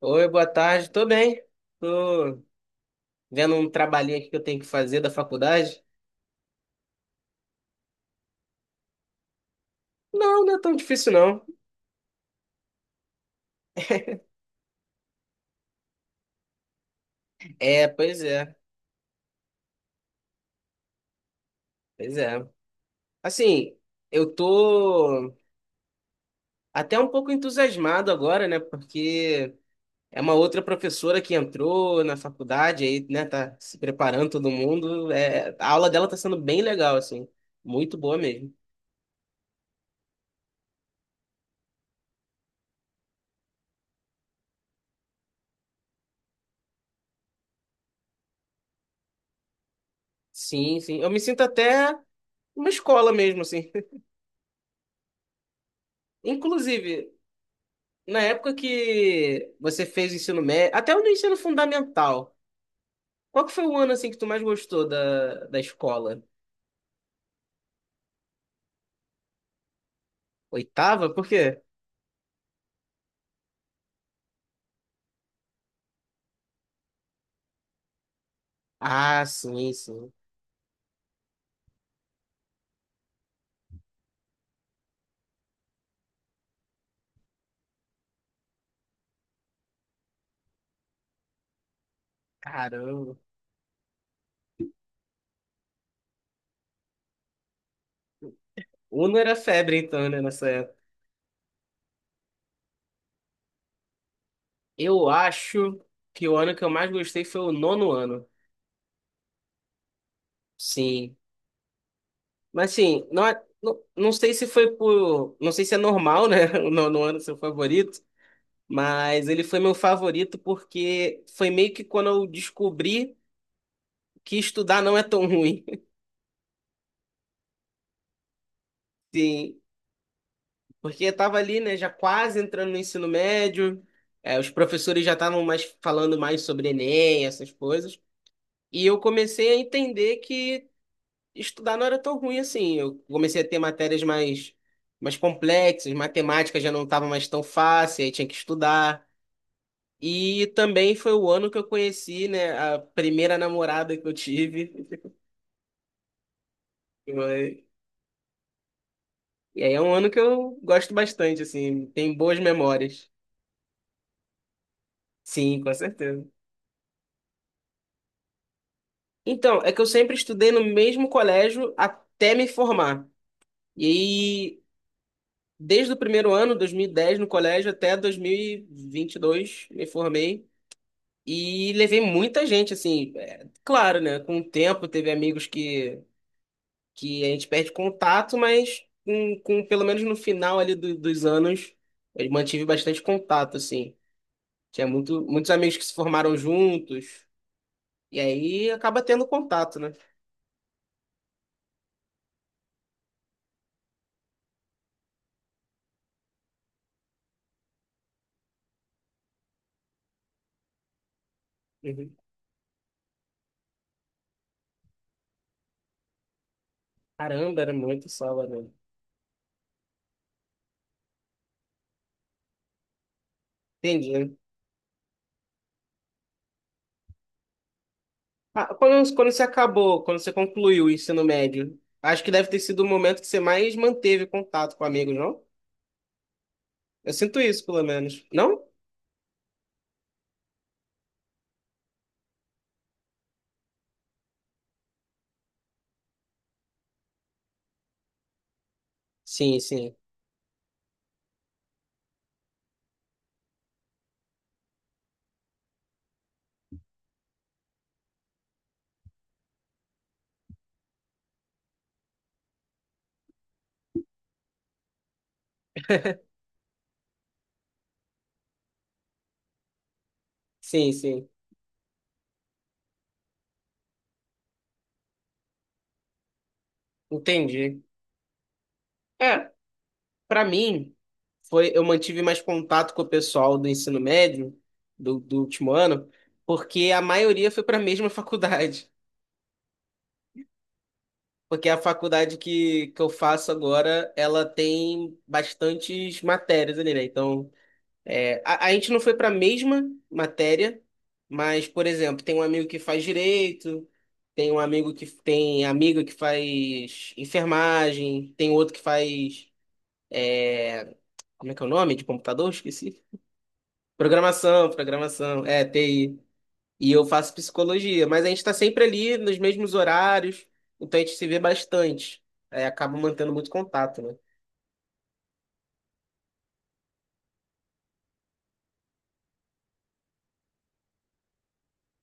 Oi, boa tarde. Tô bem. Tô vendo um trabalhinho aqui que eu tenho que fazer da faculdade. Não, não é tão difícil, não. É, pois é, pois é. Assim, eu tô até um pouco entusiasmado agora, né? Porque é uma outra professora que entrou na faculdade aí, né? Tá se preparando todo mundo. É, a aula dela tá sendo bem legal, assim. Muito boa mesmo. Sim, sim. Eu me sinto até uma escola mesmo, assim. Inclusive, na época que você fez o ensino médio, até o do ensino fundamental, qual que foi o ano assim que tu mais gostou da escola? Oitava? Por quê? Ah, sim, sim. Caramba. Uno era febre então, né, nessa época. Eu acho que o ano que eu mais gostei foi o nono ano. Sim. Mas assim, não, não, não sei se foi por, não sei se é normal, né, o nono ano ser o favorito, mas ele foi meu favorito porque foi meio que quando eu descobri que estudar não é tão ruim. Sim, porque eu tava ali, né, já quase entrando no ensino médio, é, os professores já estavam mais falando mais sobre Enem, essas coisas, e eu comecei a entender que estudar não era tão ruim assim. Eu comecei a ter matérias mais, mais complexas, matemática já não estava mais tão fácil, aí tinha que estudar. E também foi o ano que eu conheci, né, a primeira namorada que eu tive. Foi- E aí é um ano que eu gosto bastante, assim, tem boas memórias. Sim, com certeza. Então, é que eu sempre estudei no mesmo colégio até me formar. E aí, desde o primeiro ano, 2010 no colégio, até dois mil e vinte e dois me formei. E levei muita gente, assim, é, claro, né? Com o tempo, teve amigos que a gente perde contato, mas com pelo menos no final ali dos anos, eu mantive bastante contato, assim. Tinha muitos amigos que se formaram juntos, e aí acaba tendo contato, né? Uhum. Caramba, era muito sala, né? Entendi. Ah, quando você concluiu o ensino médio, acho que deve ter sido o momento que você mais manteve contato com amigos, não? Eu sinto isso, pelo menos. Não? Sim, sim. Sim, sim. Entendi. É, pra mim, eu mantive mais contato com o pessoal do ensino médio, do último ano, porque a maioria foi pra mesma faculdade. Porque a faculdade que eu faço agora, ela tem bastantes matérias ali, né? Então. É, a gente não foi para a mesma matéria, mas, por exemplo, tem um amigo que faz direito, tem um amigo que tem amigo que faz enfermagem, tem outro que faz, é, como é que é o nome? De computador? Esqueci. Programação, programação, é, TI. E eu faço psicologia, mas a gente está sempre ali nos mesmos horários, então a gente se vê bastante. É, acaba mantendo muito contato, né?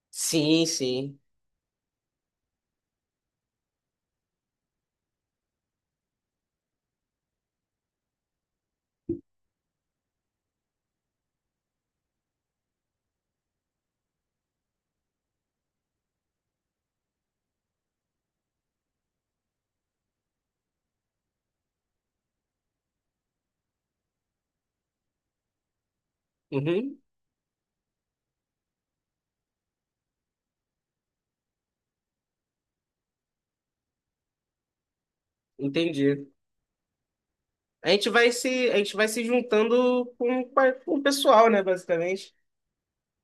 Sim, sim. Uhum, entendi. A gente vai se juntando com o pessoal, né, basicamente.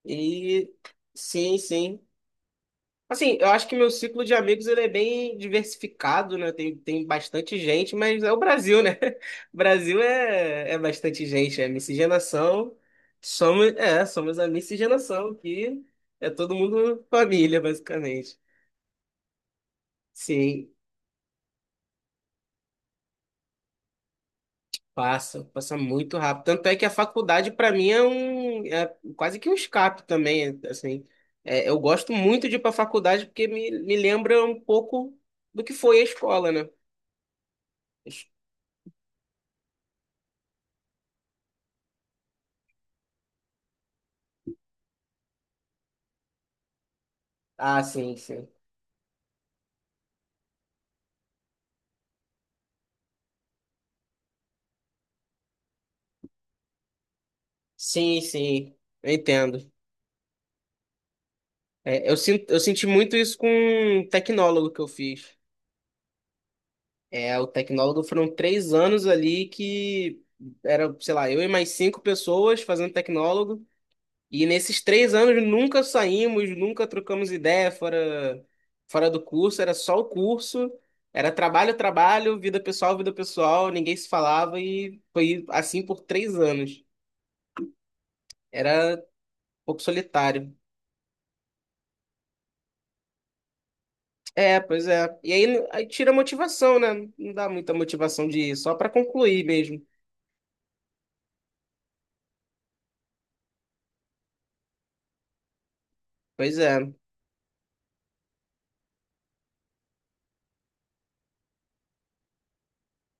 E sim, sim. Assim, eu acho que meu ciclo de amigos ele é bem diversificado, né? Tem bastante gente, mas é o Brasil, né? O Brasil é bastante gente, é miscigenação. Somos, é, somos a miscigenação, que é todo mundo família, basicamente. Sim. Passa, passa muito rápido. Tanto é que a faculdade, para mim, é um, é quase que um escape também, assim. É, eu gosto muito de ir para a faculdade porque me lembra um pouco do que foi a escola, né? Ah, sim, sim. Sim, sim, eu entendo. É, eu sinto, eu senti muito isso com um tecnólogo que eu fiz. É, o tecnólogo foram 3 anos ali que era, sei lá, eu e mais cinco pessoas fazendo tecnólogo. E nesses 3 anos nunca saímos, nunca trocamos ideia fora, fora do curso, era só o curso, era trabalho, trabalho, vida pessoal, ninguém se falava e foi assim por 3 anos. Era um pouco solitário. É, pois é. E aí, aí tira a motivação, né? Não dá muita motivação de ir, só para concluir mesmo. Pois é,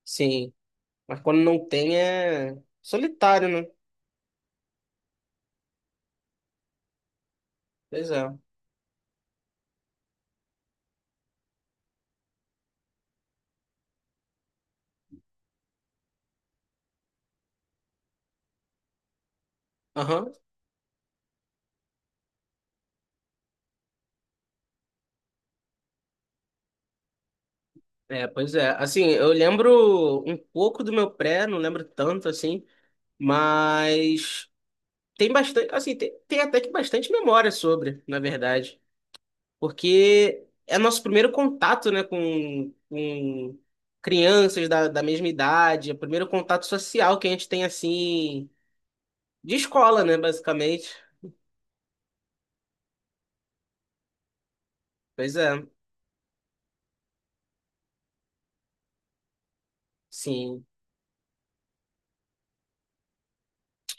sim. Mas quando não tem é solitário, né? Pois é. Aham. É, pois é. Assim, eu lembro um pouco do meu pré, não lembro tanto assim, mas tem bastante, assim, tem até que bastante memória sobre, na verdade, porque é nosso primeiro contato, né, com crianças da mesma idade, é o primeiro contato social que a gente tem, assim, de escola, né, basicamente. Pois é, sim.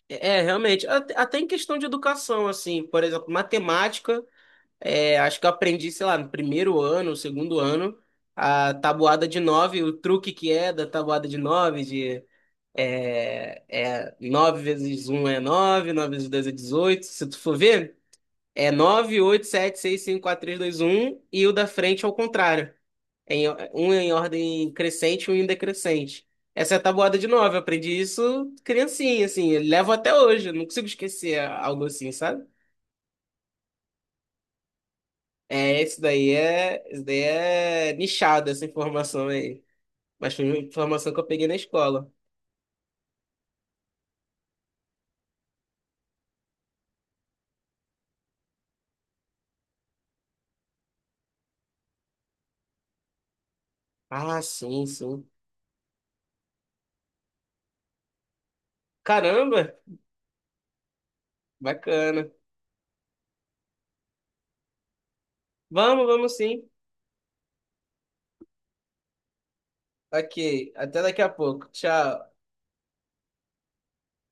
É, é, realmente, até em questão de educação, assim, por exemplo, matemática. É, acho que eu aprendi, sei lá, no primeiro ano, no segundo ano, a tabuada de nove, o truque que é da tabuada de nove, de nove vezes um é nove, nove vezes dois é 18. Se tu for ver, é nove, oito, sete, seis, cinco, quatro, três, dois, um, e o da frente ao contrário. Em, um é em ordem crescente e um em decrescente. Essa é a tabuada de nove, eu aprendi isso criancinha, assim, eu levo até hoje, eu não consigo esquecer algo assim, sabe? É, isso daí é, isso daí é nichado, essa informação aí. Mas foi uma informação que eu peguei na escola. Ah, sim, sim. Caramba, bacana. Vamos, vamos sim. Ok, até daqui a pouco. Tchau.